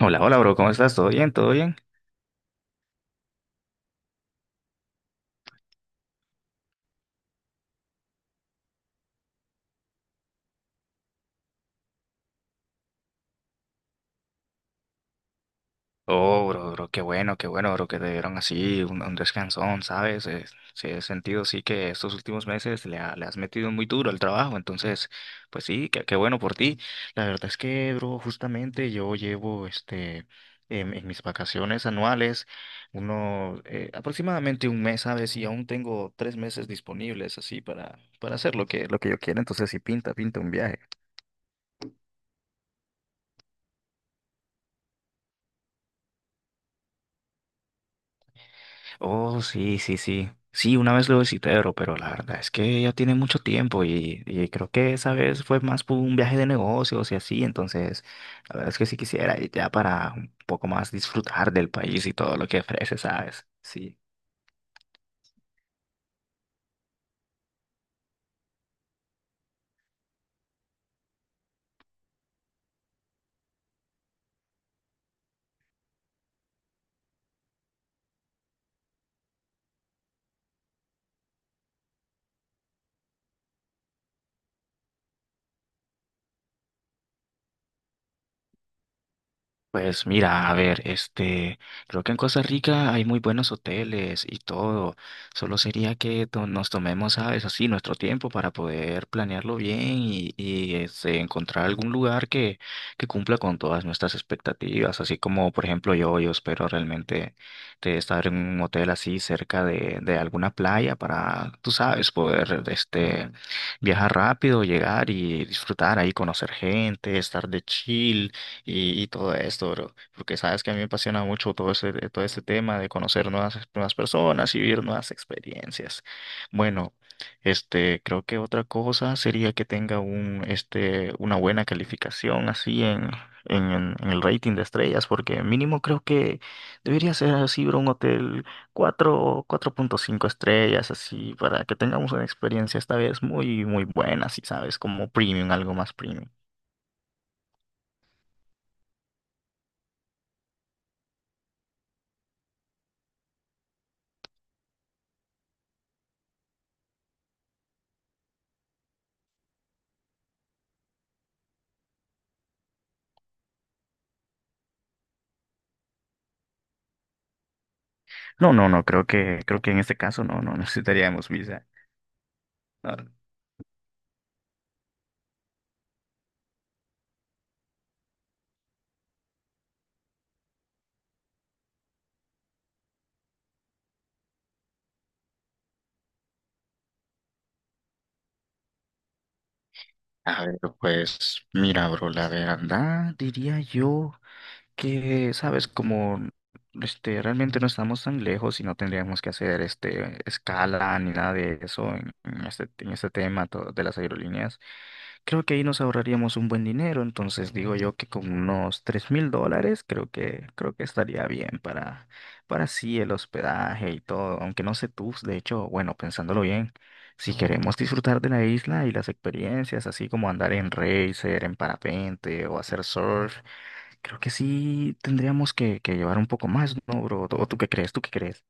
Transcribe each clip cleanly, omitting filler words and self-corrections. Hola, hola, bro, ¿cómo estás? ¿Todo bien? ¿Todo bien? Oh, bro, bro, qué bueno, bro, que te dieron así un descansón, ¿sabes? Sí, he sentido, sí, que estos últimos meses le has metido muy duro al trabajo, entonces, pues sí, qué bueno por ti. La verdad es que, bro, justamente yo llevo, este, en mis vacaciones anuales, aproximadamente un mes, ¿sabes? Y aún tengo 3 meses disponibles así para hacer lo que yo quiera, entonces sí, pinta un viaje. Oh, sí, sí, sí. Sí, una vez lo visité, bro, pero la verdad es que ya tiene mucho tiempo y creo que esa vez fue más por un viaje de negocios y así, entonces la verdad es que sí quisiera ir ya para un poco más disfrutar del país y todo lo que ofrece, ¿sabes? Sí. Pues mira, a ver, este, creo que en Costa Rica hay muy buenos hoteles y todo. Solo sería que nos tomemos, ¿sabes? Así nuestro tiempo para poder planearlo bien y este, encontrar algún lugar que cumpla con todas nuestras expectativas. Así como, por ejemplo, yo espero realmente de estar en un hotel así cerca de alguna playa para, tú sabes, poder, este, viajar rápido, llegar y disfrutar ahí, conocer gente, estar de chill y todo esto, bro. Porque sabes que a mí me apasiona mucho todo ese, todo este tema de conocer nuevas, nuevas personas y vivir nuevas experiencias. Bueno, este, creo que otra cosa sería que tenga una buena calificación así en el rating de estrellas, porque mínimo creo que debería ser así, bro, un hotel cuatro punto cinco estrellas, así, para que tengamos una experiencia esta vez muy, muy buena, si sabes, como premium, algo más premium. No, no, no, creo que en este caso no, no necesitaríamos visa. No, a ver, pues mira, bro, la verdad diría yo, que, sabes, como este, realmente no estamos tan lejos y no tendríamos que hacer este, escala ni nada de eso en este tema de las aerolíneas, creo que ahí nos ahorraríamos un buen dinero. Entonces digo yo que con unos $3,000 creo que estaría bien para sí el hospedaje y todo. Aunque no sé tú, de hecho, bueno, pensándolo bien. Si queremos disfrutar de la isla y las experiencias, así como andar en racer, en parapente o hacer surf, creo que sí tendríamos que llevar un poco más, ¿no, bro? ¿O tú qué crees? ¿Tú qué crees?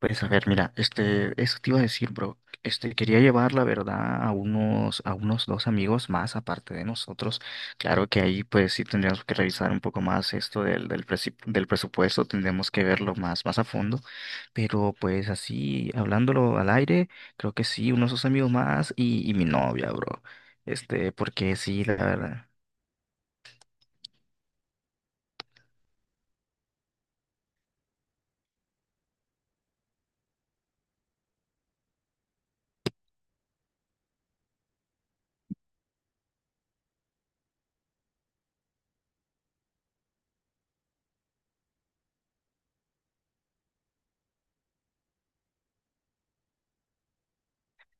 Pues a ver, mira, este, eso te iba a decir, bro. Este, quería llevar, la verdad, a unos dos amigos más aparte de nosotros. Claro que ahí, pues sí tendríamos que revisar un poco más esto del presupuesto, tendríamos que verlo más, más a fondo. Pero pues así, hablándolo al aire, creo que sí, unos dos amigos más y mi novia, bro. Este, porque sí, la verdad.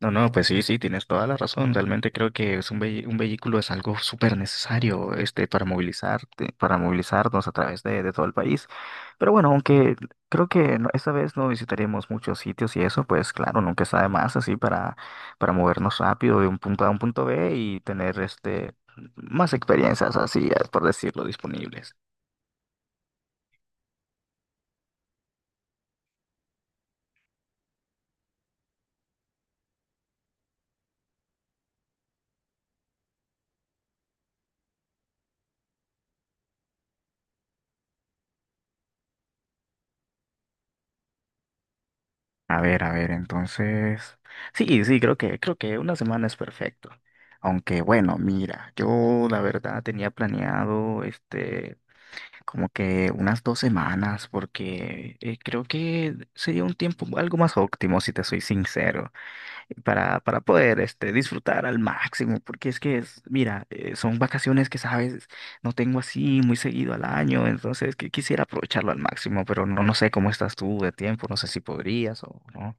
No, no, pues sí, sí, tienes toda la razón. Realmente creo que es un vehículo es algo súper necesario, este, para movilizarnos a través de todo el país. Pero bueno, aunque creo que esta vez no visitaremos muchos sitios y eso, pues claro, nunca está de más así para movernos rápido de un punto A a un punto B y tener este más experiencias así, por decirlo, disponibles. A ver, entonces. Sí, sí, creo que una semana es perfecto. Aunque bueno, mira, yo la verdad tenía planeado este como que unas 2 semanas, porque creo que sería un tiempo algo más óptimo, si te soy sincero, para poder este disfrutar al máximo, porque es que es, mira, son vacaciones que sabes, no tengo así muy seguido al año, entonces que quisiera aprovecharlo al máximo, pero no, no sé cómo estás tú de tiempo, no sé si podrías o no.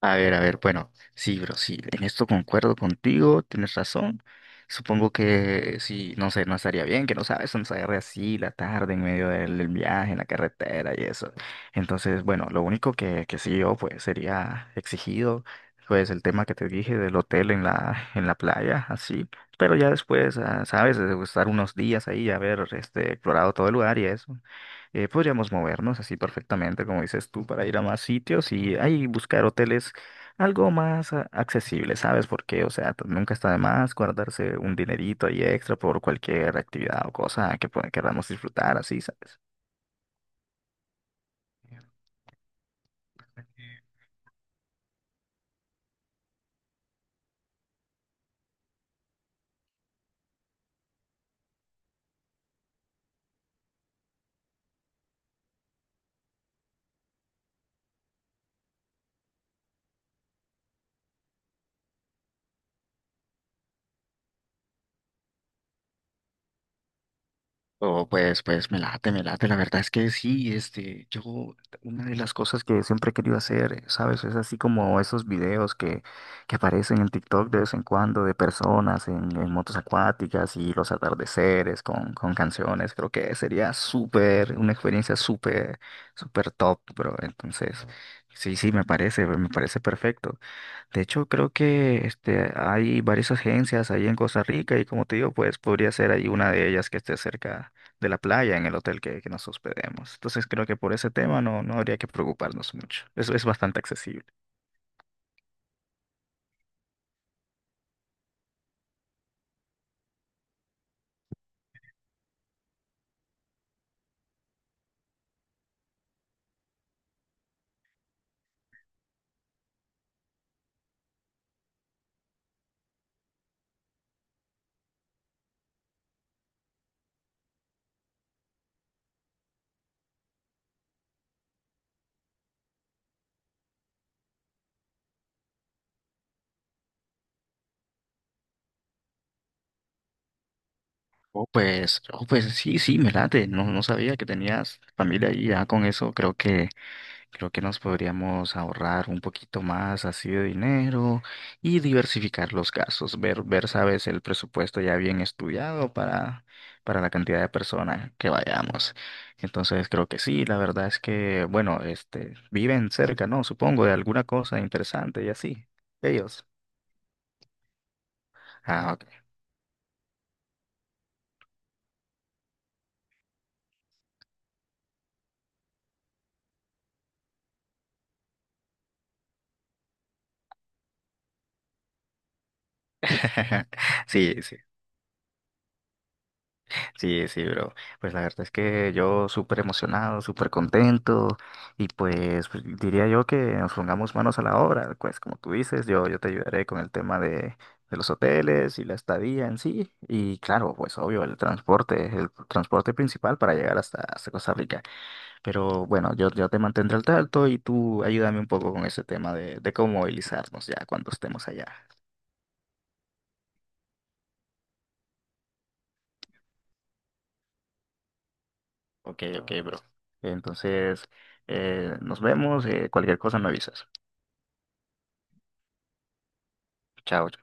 A ver, bueno, sí, bro, sí, en esto concuerdo contigo, tienes razón. Supongo que sí, no sé, no estaría bien que no sabes, nos agarre así la tarde en medio del viaje, en la carretera y eso. Entonces, bueno, lo único que sí yo pues sería exigido, pues el tema que te dije del hotel en la playa, así. Pero ya después, ah, sabes, de estar unos días ahí, haber este, explorado todo el lugar y eso, podríamos movernos así perfectamente, como dices tú, para ir a más sitios y ahí buscar hoteles algo más accesible, ¿sabes? Porque, o sea, nunca está de más guardarse un dinerito ahí extra por cualquier actividad o cosa que queramos disfrutar, así, ¿sabes? Oh, pues me late, me late. La verdad es que sí, este, yo, una de las cosas que siempre he querido hacer, ¿sabes? Es así como esos videos que aparecen en TikTok de vez en cuando de personas en motos acuáticas y los atardeceres con canciones. Creo que sería súper, una experiencia súper, súper top, bro. Entonces, sí, sí, me parece perfecto. De hecho, creo que este, hay varias agencias ahí en Costa Rica y como te digo, pues podría ser ahí una de ellas que esté cerca de la playa en el hotel que nos hospedemos. Entonces creo que por ese tema no, no habría que preocuparnos mucho. Eso es bastante accesible. Oh, pues sí, sí, me late. No, no sabía que tenías familia ahí ya con eso. Creo que nos podríamos ahorrar un poquito más así de dinero y diversificar los gastos, ver, sabes, el presupuesto ya bien estudiado para la cantidad de personas que vayamos. Entonces creo que sí, la verdad es que, bueno, este, viven cerca, ¿no? Supongo, de alguna cosa interesante y así. Ellos. Ah, ok. Sí, sí. Sí, sí, bro. Pues la verdad es que yo súper emocionado, súper contento y pues, diría yo que nos pongamos manos a la obra. Pues como tú dices, yo te ayudaré con el tema de los hoteles y la estadía en sí. Y claro, pues obvio, el transporte principal para llegar hasta, hasta Costa Rica. Pero bueno, yo te mantendré al tanto y tú ayúdame un poco con ese tema de cómo movilizarnos ya cuando estemos allá. Ok, ok, bro. Entonces, nos vemos, cualquier cosa me avisas. Chao.